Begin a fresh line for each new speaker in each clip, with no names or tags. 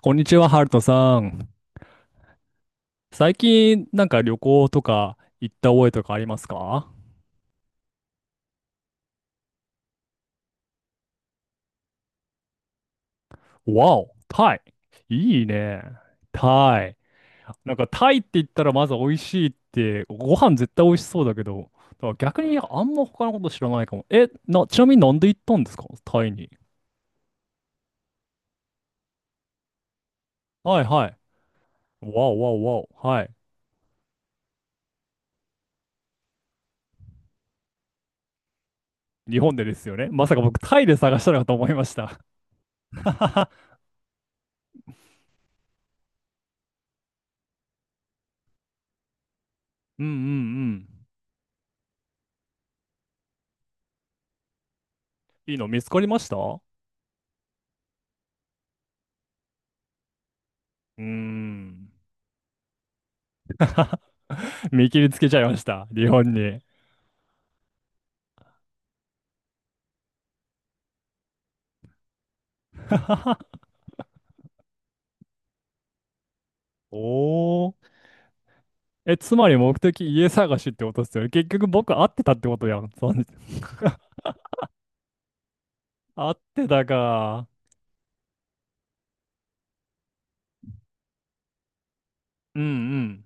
こんにちは、ハルトさん。最近、旅行とか行った覚えとかありますか？わお、タイ。いいね。タイ。なんかタイって言ったらまず美味しいって、ご飯絶対美味しそうだけど、だから逆にあんま他のこと知らないかも。ちなみになんで行ったんですかタイに。はいはい。わおわおわお。はい。日本でですよね。まさか僕タイで探したのかと思いました。うんうんうん。いいの見つかりました？うーん。見切りつけちゃいました。日本に。おお。え、つまり目的家探しってことですよね。結局僕会ってたってことやん。そうです。 会ってたか。うんうん。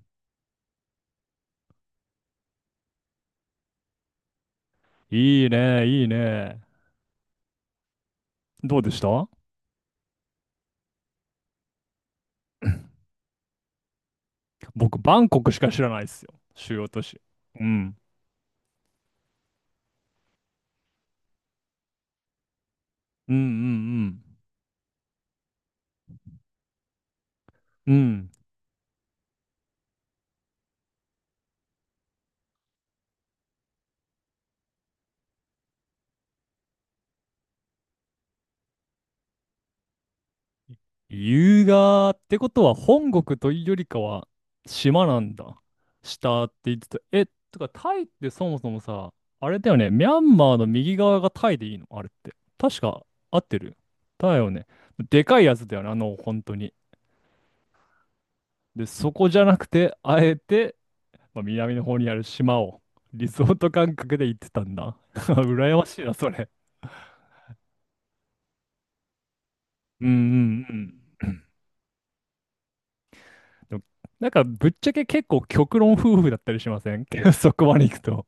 いいね、いいね。どうでした？僕、バンコクしか知らないですよ。主要都市。うん。うんうんうん。うん。優雅ってことは本国というよりかは島なんだ。下って言ってた。え、とかタイってそもそもさ、あれだよね。ミャンマーの右側がタイでいいのあれって。確か。合ってる。だよね。でかいやつだよね。本当に。で、そこじゃなくて、あえて、まあ、南の方にある島をリゾート感覚で行ってたんだ。羨ましいな、それ。うんうんうん。でもなんかぶっちゃけ結構極論夫婦だったりしません？ そこまで行くと。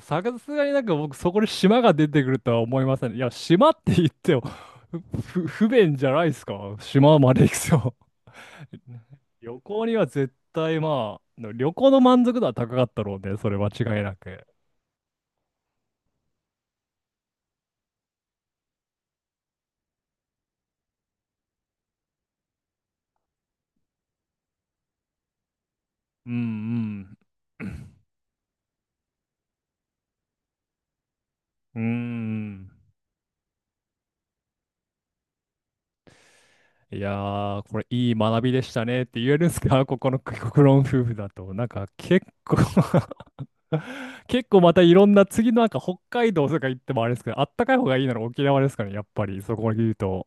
さすがになんか僕そこで島が出てくるとは思いません。いや、島って言っても不便じゃないですか。島まで行くと。旅行には絶対、まあ、旅行の満足度は高かったろうね。それ間違いなく。うんうん。うーん。いやー、これいい学びでしたねって言えるんですか、ここの国国論夫婦だと。なんか結構。 結構またいろんな次のなんか北海道とか行ってもあれですけど、あったかい方がいいなら沖縄ですからね、やっぱりそこまで言うと。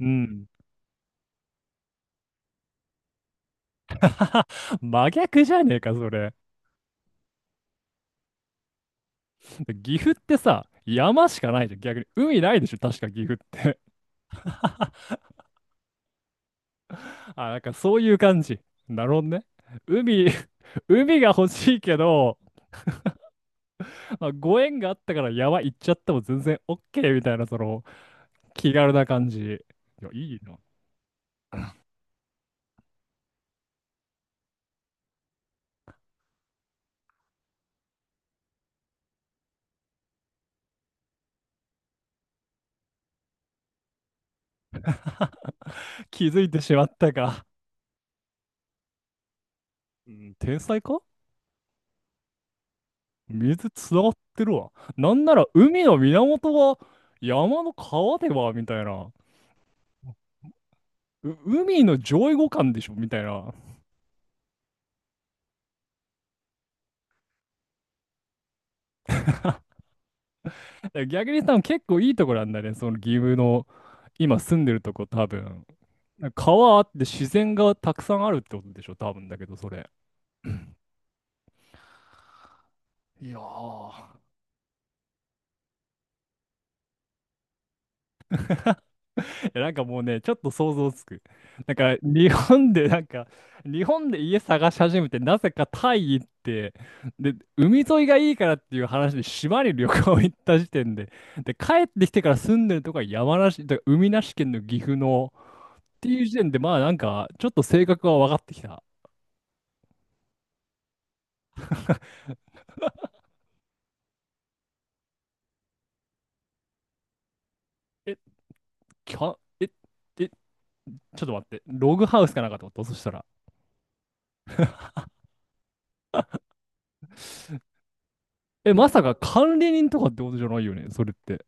うん。真逆じゃねえか、それ。岐阜ってさ、山しかないじゃん、逆に。海ないでしょ、確か岐阜って。あ、なんかそういう感じ。なるほどね。海、海が欲しいけど、まあ、ご縁があったから山行っちゃっても全然 OK みたいな、その気軽な感じ。いや、いいな。気づいてしまったか。うん、天才か。水つながってるわ。なんなら海の源は山の川ではみたいな。う海の上位互換でしょみたいな。だから逆に多分結構いいところなんだね。その岐阜の今住んでるとこ多分。川あって自然がたくさんあるってことでしょ、多分だけどそれ。いやー。なんかもうね、ちょっと想像つく。なんか日本でなんか、日本で家探し始めて、なぜかタイ行って、で、海沿いがいいからっていう話で島に旅行行った時点で、で、帰ってきてから住んでるとこは山梨、だから海なし県の岐阜の、っていう時点で、まあなんか、ちょっと性格は分かってきた。え、キャ、え、え、ちょっと待って、ログハウスかなんかと思った、そしたら。え、まさか管理人とかってことじゃないよね、それって。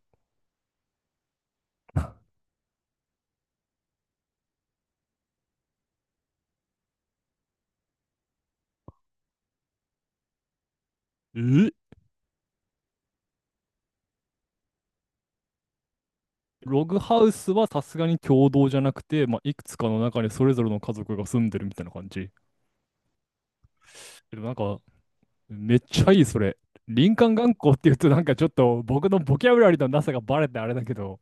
え、ログハウスはさすがに共同じゃなくて、まあ、いくつかの中にそれぞれの家族が住んでるみたいな感じ。でもなんか、めっちゃいい、それ。林間学校っていうと、なんかちょっと僕のボキャブラリーのなさがバレてあれだけど、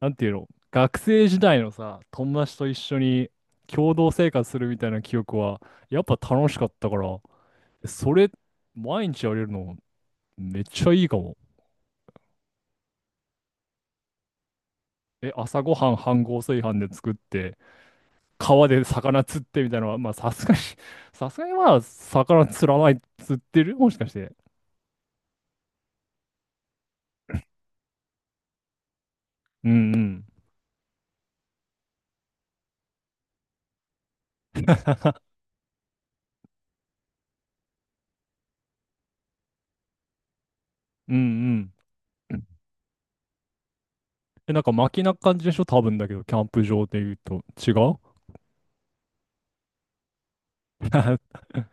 なんていうの、学生時代のさ、友達と一緒に共同生活するみたいな記憶は、やっぱ楽しかったから、それ、毎日やれるの、めっちゃいいかも。え、朝ごはん飯盒炊飯で作って、川で魚釣ってみたいなのは、まあさすがに、さすがにまあ魚釣らない、釣ってるもしかして。うんうん。うんうん。え、なんか巻きな感じでしょ、多分だけど、キャンプ場で言うと。違う？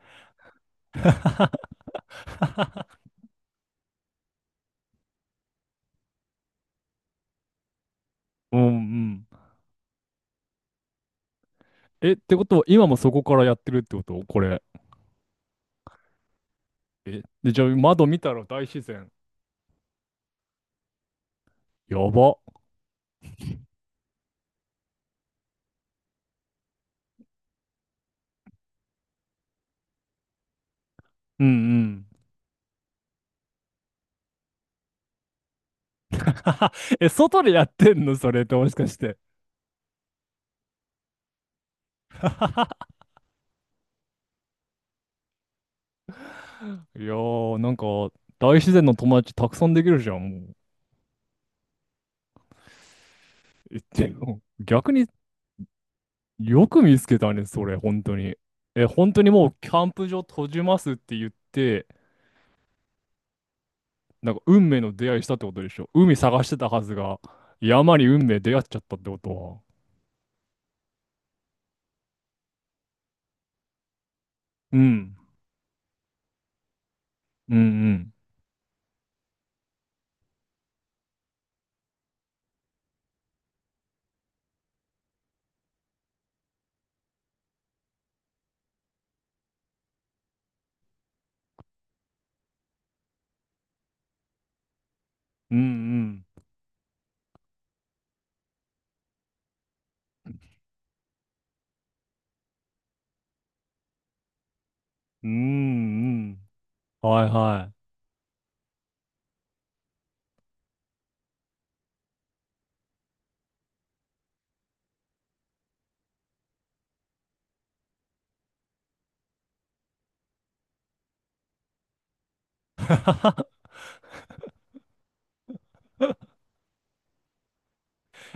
うんうん。え、ってことは今もそこからやってるってことこれ。え、で、じゃあ窓見たら大自然。やば。うんうん。え、外でやってんのそれってもしかして。いやー、なんか、大自然の友達たくさんできるじゃん、もう。でも逆によく見つけたね、それ、本当に。え、本当にもうキャンプ場閉じますって言って、なんか運命の出会いしたってことでしょ。海探してたはずが、山に運命出会っちゃったってことは。うん、うん、うん、うん、うん、うん、うん、はいはい。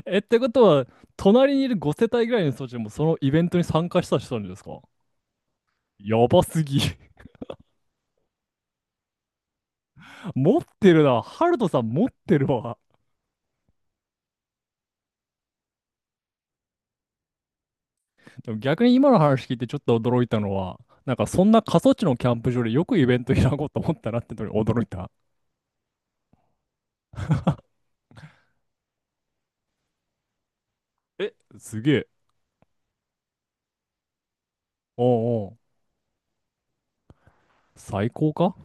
え、ってことは、隣にいる5世帯ぐらいの人たちでもそのイベントに参加した人なんですか？やばすぎ。持ってるな。ハルトさん持ってるわ。でも逆に今の話聞いてちょっと驚いたのは、なんかそんな過疎地のキャンプ場でよくイベント開こうと思ったなってのに驚いた。え、すげえ。おうおう、最高か